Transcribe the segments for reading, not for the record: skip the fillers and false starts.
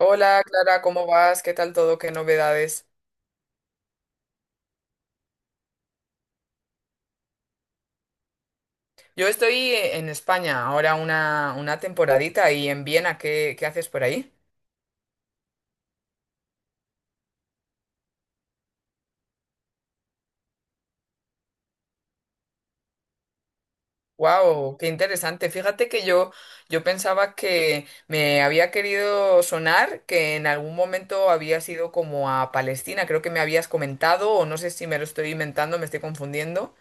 Hola Clara, ¿cómo vas? ¿Qué tal todo? ¿Qué novedades? Yo estoy en España ahora una temporadita y en Viena, ¿qué haces por ahí? ¡Wow! ¡Qué interesante! Yo pensaba que me había querido sonar que en algún momento habías ido como a Palestina, creo que me habías comentado o no sé si me lo estoy inventando, me estoy confundiendo.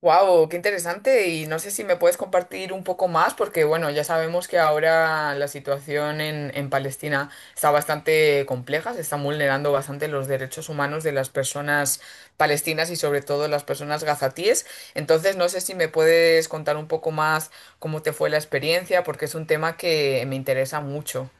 Wow, qué interesante. Y no sé si me puedes compartir un poco más, porque bueno, ya sabemos que ahora la situación en Palestina está bastante compleja, se están vulnerando bastante los derechos humanos de las personas palestinas y sobre todo las personas gazatíes. Entonces, no sé si me puedes contar un poco más cómo te fue la experiencia, porque es un tema que me interesa mucho.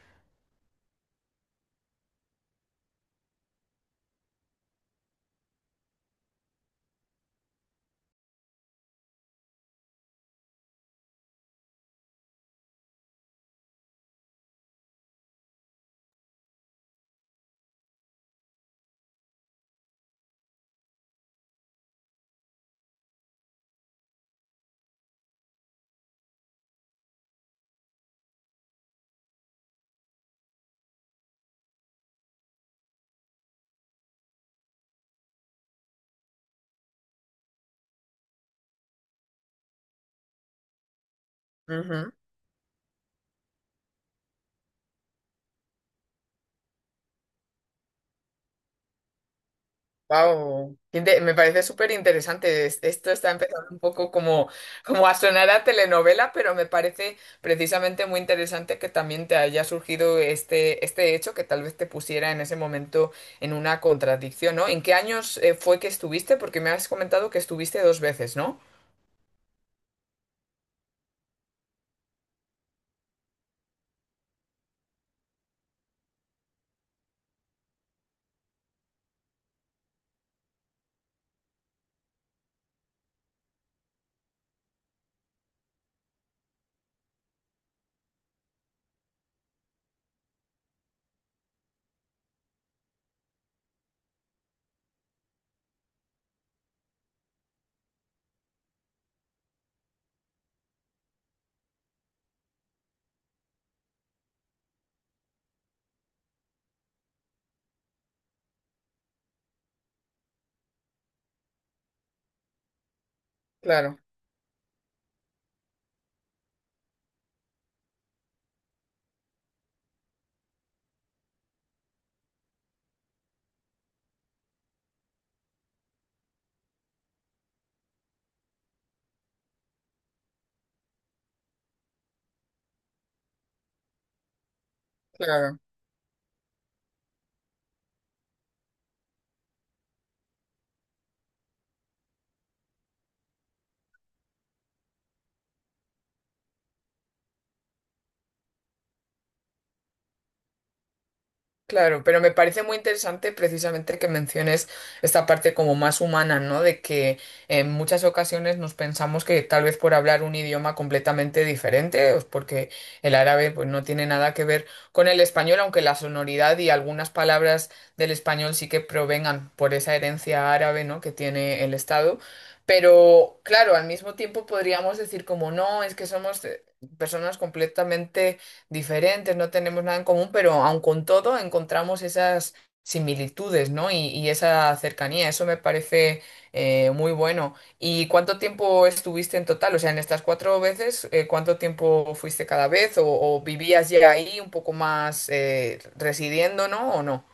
Wow, me parece súper interesante. Esto está empezando un poco como a sonar a telenovela, pero me parece precisamente muy interesante que también te haya surgido este hecho que tal vez te pusiera en ese momento en una contradicción, ¿no? ¿En qué años fue que estuviste? Porque me has comentado que estuviste dos veces, ¿no? Claro, claro. Claro, pero me parece muy interesante precisamente que menciones esta parte como más humana, ¿no? De que en muchas ocasiones nos pensamos que tal vez por hablar un idioma completamente diferente, pues porque el árabe pues no tiene nada que ver con el español, aunque la sonoridad y algunas palabras del español sí que provengan por esa herencia árabe, ¿no? que tiene el Estado. Pero claro, al mismo tiempo podríamos decir como no, es que somos personas completamente diferentes, no tenemos nada en común, pero aun con todo encontramos esas similitudes, ¿no? Y esa cercanía, eso me parece muy bueno. ¿Y cuánto tiempo estuviste en total? O sea, en estas cuatro veces, ¿cuánto tiempo fuiste cada vez? ¿O vivías ya ahí un poco más residiendo, ¿no? ¿O no?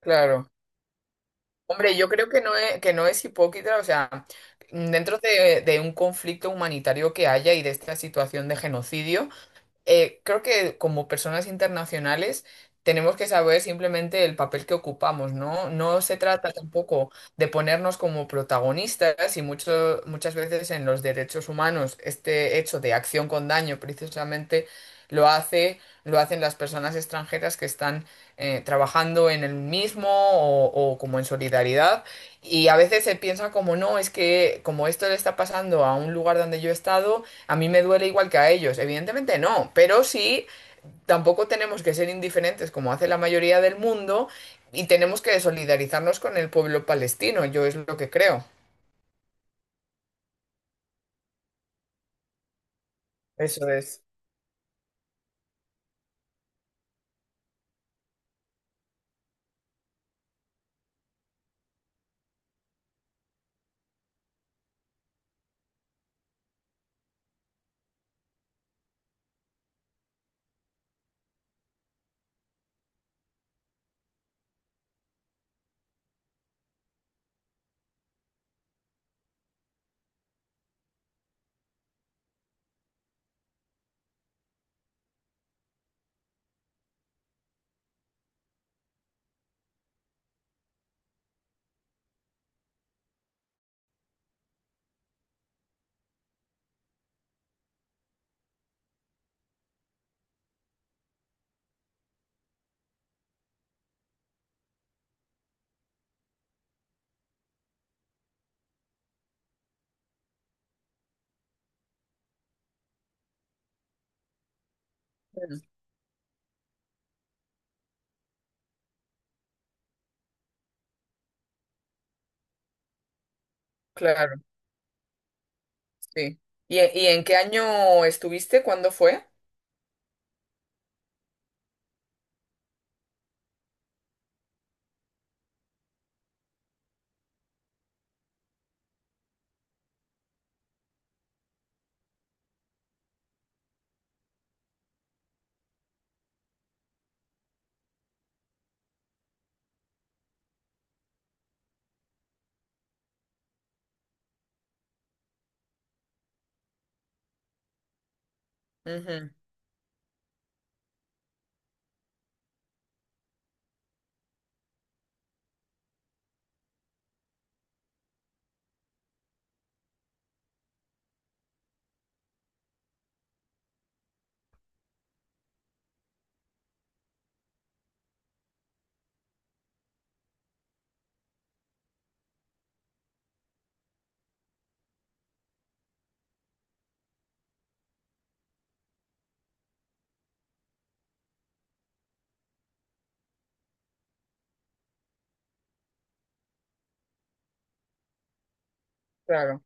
Claro. Hombre, yo creo que que no es hipócrita, o sea, dentro de un conflicto humanitario que haya y de esta situación de genocidio, creo que como personas internacionales tenemos que saber simplemente el papel que ocupamos, ¿no? No se trata tampoco de ponernos como protagonistas y muchas veces en los derechos humanos este hecho de acción con daño precisamente lo hace, lo hacen las personas extranjeras que están trabajando en el mismo o como en solidaridad. Y a veces se piensa como no, es que como esto le está pasando a un lugar donde yo he estado, a mí me duele igual que a ellos, evidentemente no, pero sí tampoco tenemos que ser indiferentes como hace la mayoría del mundo y tenemos que solidarizarnos con el pueblo palestino, yo es lo que creo. Eso es. Mm, Claro, sí. ¿Y en qué año estuviste? ¿Cuándo fue? Ujú, claro.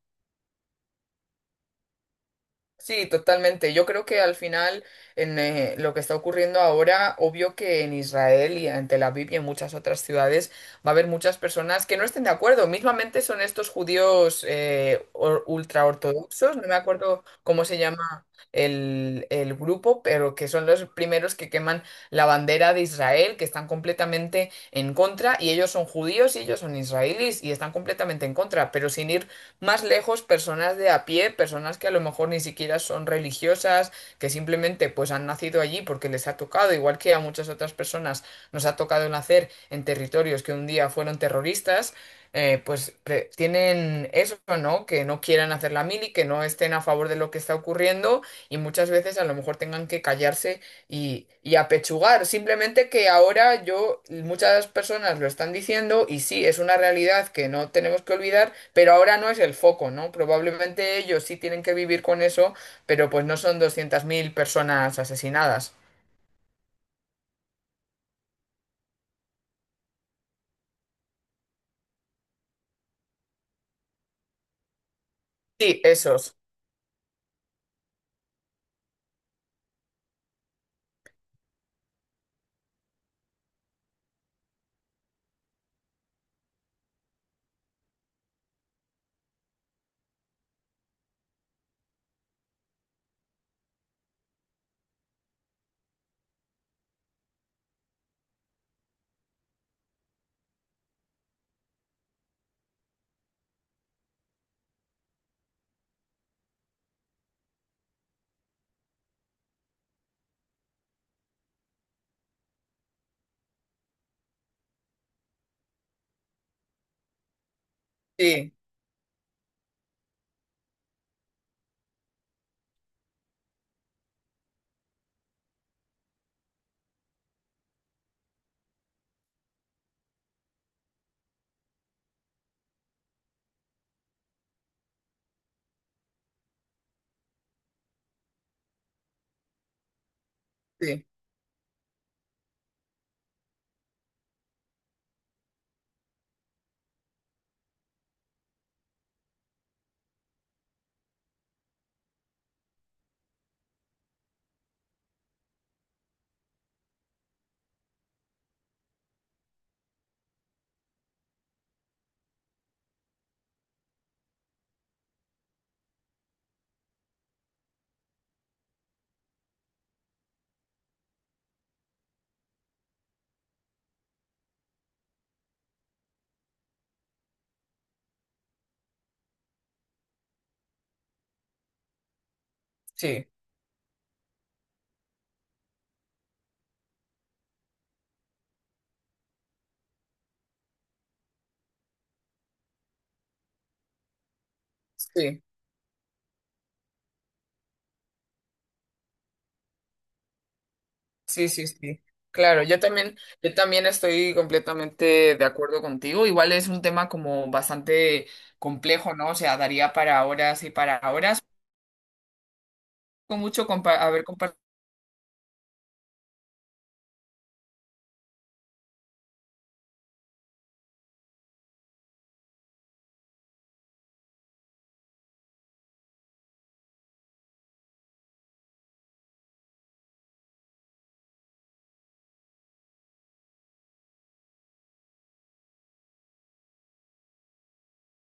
Sí, totalmente. Yo creo que al final, en lo que está ocurriendo ahora, obvio que en Israel y en Tel Aviv y en muchas otras ciudades va a haber muchas personas que no estén de acuerdo. Mismamente son estos judíos ultraortodoxos, no me acuerdo cómo se llama el grupo, pero que son los primeros que queman la bandera de Israel, que están completamente en contra, y ellos son judíos y ellos son israelíes y están completamente en contra, pero sin ir más lejos personas de a pie, personas que a lo mejor ni siquiera son religiosas, que simplemente pues han nacido allí porque les ha tocado, igual que a muchas otras personas nos ha tocado nacer en territorios que un día fueron terroristas, pues pre- tienen eso, ¿no? Que no quieran hacer la mili, que no estén a favor de lo que está ocurriendo y muchas veces a lo mejor tengan que callarse y apechugar. Simplemente que ahora yo, muchas personas lo están diciendo y sí, es una realidad que no tenemos que olvidar, pero ahora no es el foco, ¿no? Probablemente ellos sí tienen que vivir con eso, pero pues no son 200.000 personas asesinadas. Sí, esos. Sí, sí, sí, sí, sí, sí, sí. Claro, yo también estoy completamente de acuerdo contigo. Igual es un tema como bastante complejo, ¿no? O sea, daría para horas y para horas. Con haber compartido.